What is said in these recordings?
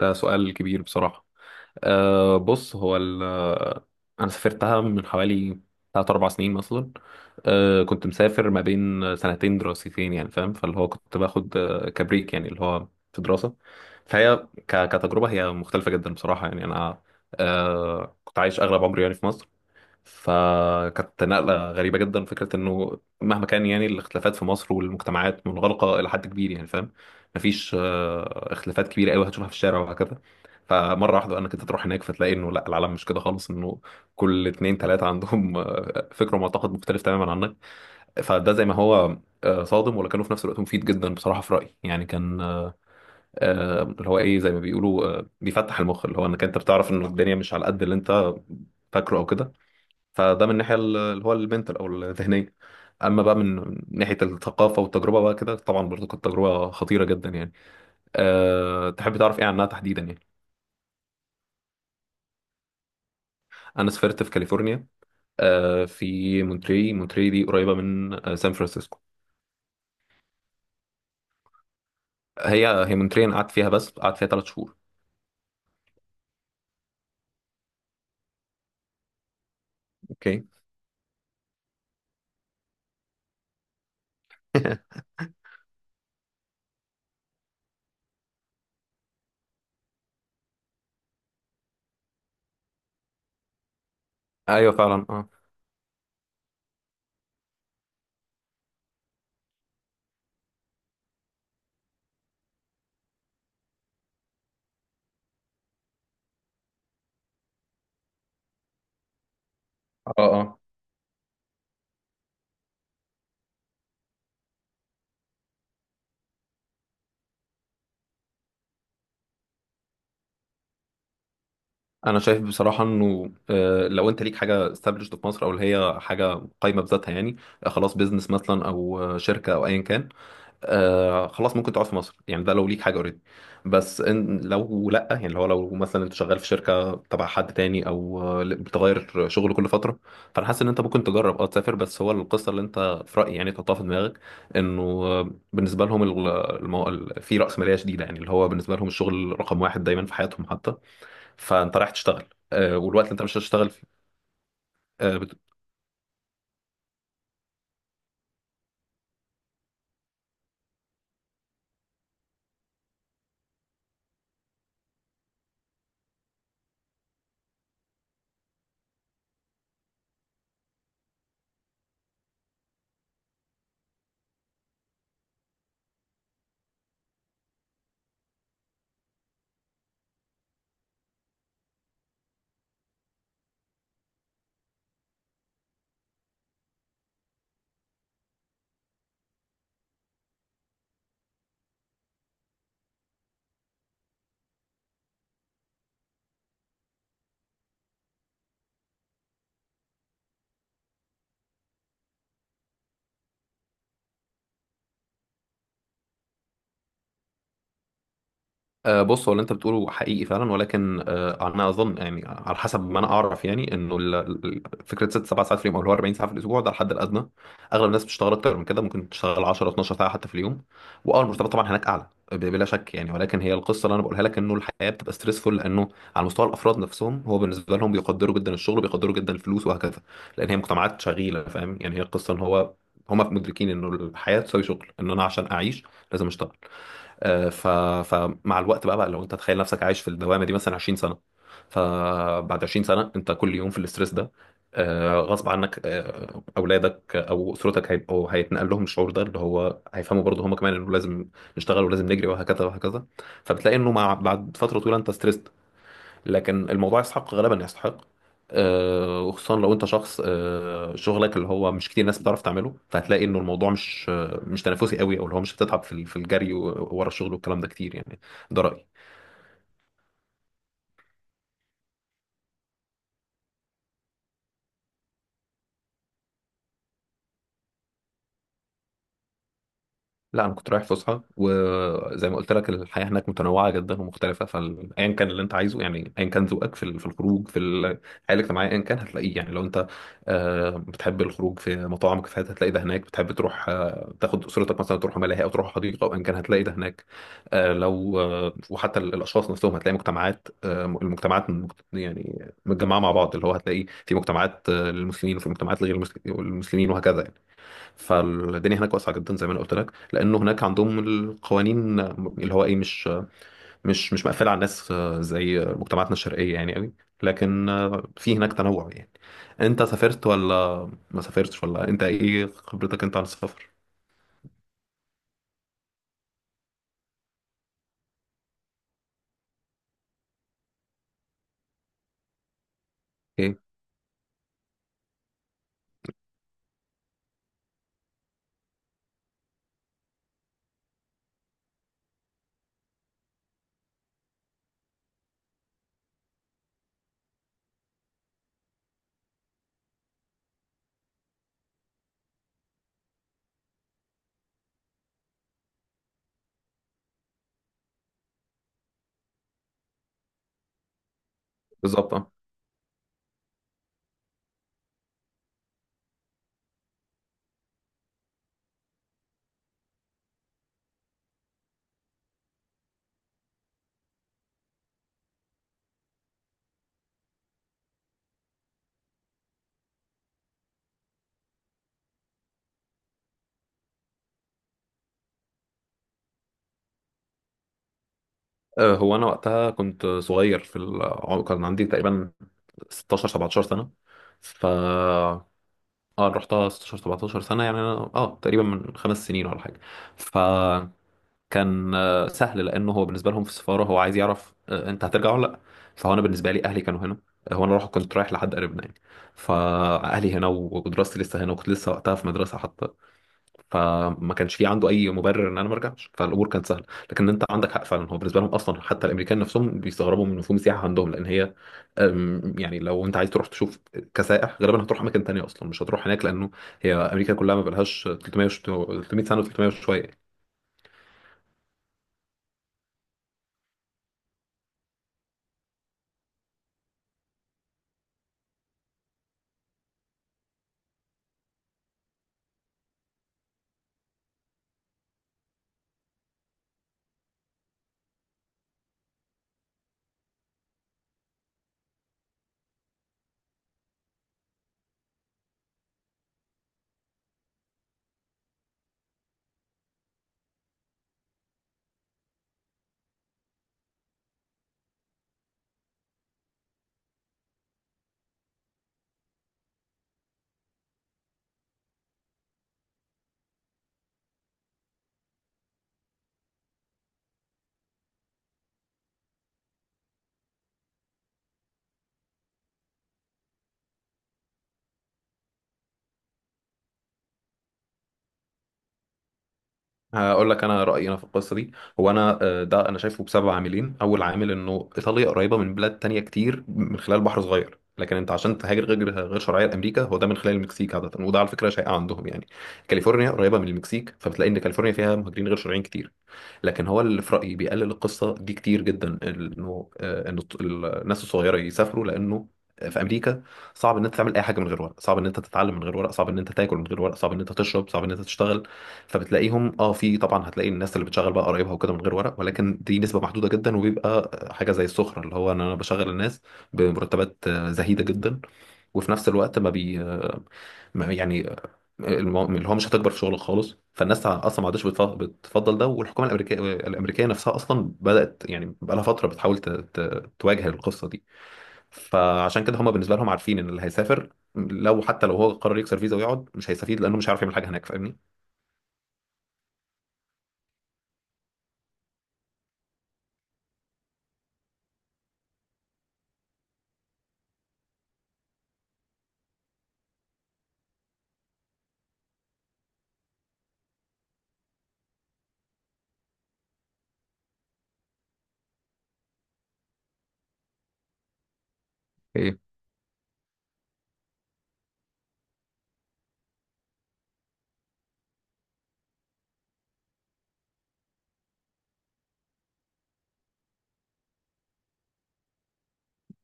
ده سؤال كبير بصراحة. بص هو ال أنا سافرتها من حوالي تلات أربع سنين مثلا. كنت مسافر ما بين سنتين دراستين، يعني فاهم، فاللي هو كنت باخد كبريك يعني اللي هو في دراسة. فهي كتجربة هي مختلفة جدا بصراحة، يعني أنا كنت عايش أغلب عمري يعني في مصر، فكانت نقلة غريبة جدا. فكرة انه مهما كان يعني الاختلافات في مصر والمجتمعات منغلقة إلى حد كبير، يعني فاهم، مفيش اختلافات كبيرة قوي هتشوفها في الشارع وهكذا. فمرة واحدة انا كنت تروح هناك فتلاقي انه لا، العالم مش كده خالص. انه كل اتنين تلاتة عندهم فكر ومعتقد مختلف تماما عنك. فده زي ما هو صادم، ولكنه في نفس الوقت مفيد جدا بصراحة في رأيي. يعني كان اللي هو ايه زي ما بيقولوا بيفتح المخ، اللي هو انك انت بتعرف انه الدنيا مش على قد اللي انت فاكره او كده. فده من الناحيه اللي هو المنتال او الذهنيه. اما بقى من ناحيه الثقافه والتجربه بقى كده، طبعا برضه كانت تجربه خطيره جدا يعني. تحب تعرف ايه عنها تحديدا يعني؟ انا سافرت في كاليفورنيا. في مونتري. مونتري دي قريبه من سان فرانسيسكو. هي مونتري انا قعدت فيها، بس قعدت فيها ثلاث شهور. اوكي. ايوه فعلا اه. اه اه. انا شايف بصراحه انه لو انت ليك حاجه established في مصر، او اللي هي حاجه قايمه بذاتها يعني، خلاص بيزنس مثلا او شركه او ايا كان، آه خلاص ممكن تقعد في مصر. يعني ده لو ليك حاجه اوريدي. بس إن لو لا، يعني اللي هو لو مثلا انت شغال في شركه تبع حد تاني، او بتغير شغل كل فتره، فانا حاسس ان انت ممكن تجرب اه تسافر. بس هو القصه اللي انت في رايي يعني تحطها في دماغك، انه بالنسبه لهم في راسماليه شديده، يعني اللي هو بالنسبه لهم الشغل رقم واحد دايما في حياتهم حتى. فانت رايح تشتغل، والوقت اللي انت مش هتشتغل فيه بص هو اللي انت بتقوله حقيقي فعلا، ولكن انا اظن يعني على حسب ما انا اعرف يعني، انه فكره ست سبع ساعات في اليوم او اللي هو 40 ساعه في الاسبوع ده الحد الادنى. اغلب الناس بتشتغل اكتر من كده، ممكن تشتغل 10 12 ساعه حتى في اليوم. واه المرتبات طبعا هناك اعلى بلا شك يعني، ولكن هي القصه اللي انا بقولها لك، انه الحياه بتبقى ستريسفول. لانه على مستوى الافراد نفسهم، هو بالنسبه لهم بيقدروا جدا الشغل وبيقدروا جدا الفلوس وهكذا، لان هي مجتمعات شغيله، فاهم يعني. هي القصه ان هو هما مدركين انه الحياه تساوي شغل. ان انا عشان اعيش لازم اشتغل. آه، ف... فمع الوقت بقى, بقى لو انت تخيل نفسك عايش في الدوامه دي مثلا 20 سنه، فبعد 20 سنه انت كل يوم في الاسترس ده. غصب عنك اولادك او اسرتك هيبقوا هيتنقل لهم الشعور ده، اللي هو هيفهموا برضه هم كمان انه لازم نشتغل ولازم نجري وهكذا وهكذا. فبتلاقي انه مع بعد فتره طويله انت ستريس. لكن الموضوع يستحق، غالبا يستحق، وخصوصا لو انت شخص شغلك اللي هو مش كتير ناس بتعرف تعمله، فهتلاقي انه الموضوع مش مش تنافسي قوي، او اللي هو مش هتتعب في في الجري ورا الشغل والكلام ده كتير يعني. ده رأيي. لا انا كنت رايح فسحه، وزي ما قلت لك الحياه هناك متنوعه جدا ومختلفه، فايا كان اللي انت عايزه، يعني ايا كان ذوقك في في الخروج في الحياه الاجتماعيه ايا كان هتلاقيه يعني. لو انت بتحب الخروج في مطاعم وكافيهات هتلاقي ده هناك. بتحب تروح تاخد اسرتك مثلا تروح ملاهي او تروح حديقه او ايا كان هتلاقي ده هناك. آه، لو آه، وحتى الاشخاص نفسهم هتلاقي مجتمعات المجتمعات يعني متجمعه مع بعض، اللي هو هتلاقي في مجتمعات للمسلمين وفي مجتمعات لغير المسلمين وهكذا. فالدنيا هناك واسعه جدا، زي ما انا قلت لك، لانه هناك عندهم القوانين اللي هو ايه مش مقفله على الناس زي مجتمعاتنا الشرقيه يعني قوي. لكن في هناك تنوع يعني. انت سافرت ولا ما سافرتش، ولا انت ايه خبرتك انت عن السفر ايه بالظبط؟ اه هو انا وقتها كنت صغير في كان عندي تقريبا 16 17 سنه. ف اه رحتها 16 17 سنه، يعني انا اه تقريبا من خمس سنين ولا حاجه. ف كان سهل، لانه هو بالنسبه لهم في السفاره هو عايز يعرف انت هترجع ولا لا. فهو انا بالنسبه لي اهلي كانوا هنا، هو انا رايح كنت رايح لحد قريبنا يعني، فاهلي هنا ودراستي لسه هنا وكنت لسه وقتها في مدرسه حتى، فما كانش في عنده اي مبرر ان انا ما ارجعش. فالامور كانت سهله. لكن انت عندك حق فعلا، هو بالنسبه لهم اصلا حتى الامريكان نفسهم بيستغربوا من مفهوم السياحه عندهم، لان هي يعني لو انت عايز تروح تشوف كسائح غالبا هتروح اماكن تانية اصلا، مش هتروح هناك، لانه هي امريكا كلها ما بقالهاش 300 300 سنه و300 وشويه. هقول لك انا رايي انا في القصه دي. هو انا ده انا شايفه بسبب عاملين. اول عامل انه ايطاليا قريبه من بلاد تانية كتير من خلال بحر صغير، لكن انت عشان تهاجر غير شرعيه لامريكا هو ده من خلال المكسيك عاده، وده على فكره شائع عندهم يعني. كاليفورنيا قريبه من المكسيك، فبتلاقي ان كاليفورنيا فيها مهاجرين غير شرعيين كتير. لكن هو اللي في رأيي بيقلل القصة دي كتير جدا، انه ان الناس الصغيرة يسافروا، لانه في امريكا صعب ان انت تعمل اي حاجه من غير ورق، صعب ان انت تتعلم من غير ورق، صعب ان انت تاكل من غير ورق، صعب ان انت تشرب، صعب ان انت تشتغل. فبتلاقيهم اه في، طبعا هتلاقي الناس اللي بتشغل بقى قرايبها وكده من غير ورق، ولكن دي نسبه محدوده جدا، وبيبقى حاجه زي السخره، اللي هو ان انا بشغل الناس بمرتبات زهيده جدا، وفي نفس الوقت ما بي آه، ما- يعني اللي هو مش هتكبر في شغلك خالص. فالناس اصلا ما عادش بتفضل ده. والحكومه الامريكيه نفسها اصلا بدات، يعني بقى لها فتره بتحاول تواجه القصه دي. فعشان كده هم بالنسبه لهم عارفين ان اللي هيسافر لو حتى لو هو قرر يكسر فيزا ويقعد مش هيستفيد، لانه مش هيعرف يعمل حاجه هناك، فاهمني. اوكي.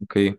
اوكي.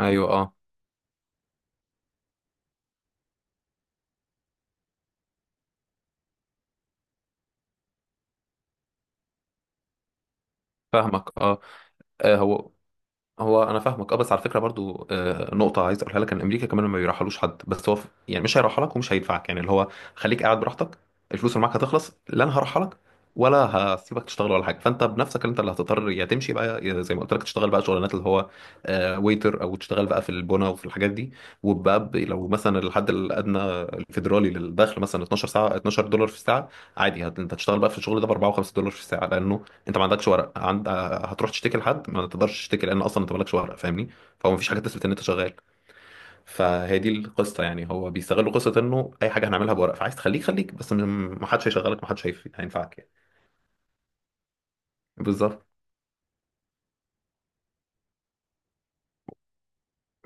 ايوه اه. فاهمك اه. آه، هو هو انا فاهمك اه، بس على فكره برضو نقطه عايز اقولها لك، ان امريكا كمان ما بيرحلوش حد، بس هو يعني مش هيرحلك لك ومش هيدفعك، يعني اللي هو خليك قاعد براحتك، الفلوس اللي معاك هتخلص، لا انا هرحلك لك ولا هسيبك تشتغل ولا حاجه. فانت بنفسك انت اللي هتضطر يا تمشي بقى، يا زي ما قلت لك تشتغل بقى شغلانات اللي هو ويتر، او تشتغل بقى في البنا وفي الحاجات دي. وبقى لو مثلا الحد الادنى الفيدرالي للدخل مثلا 12 ساعه 12 دولار في الساعه، عادي انت هتشتغل بقى في الشغل ده ب 4 و5 دولار في الساعه، لانه انت ما عندكش ورق. هتروح تشتكي لحد؟ ما تقدرش تشتكي، لان اصلا انت مالكش ورق، فاهمني. فهو مفيش حاجه تثبت ان انت شغال. فهي دي القصه يعني. هو بيستغلوا قصه انه اي حاجه هنعملها بورق، فعايز تخليك. خليك بس، محدش هيشغلك، محدش هينفعك يعني. بالظبط.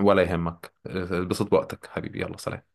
ولا يهمك اه، اتبسط بوقتك حبيبي، يلا سلام.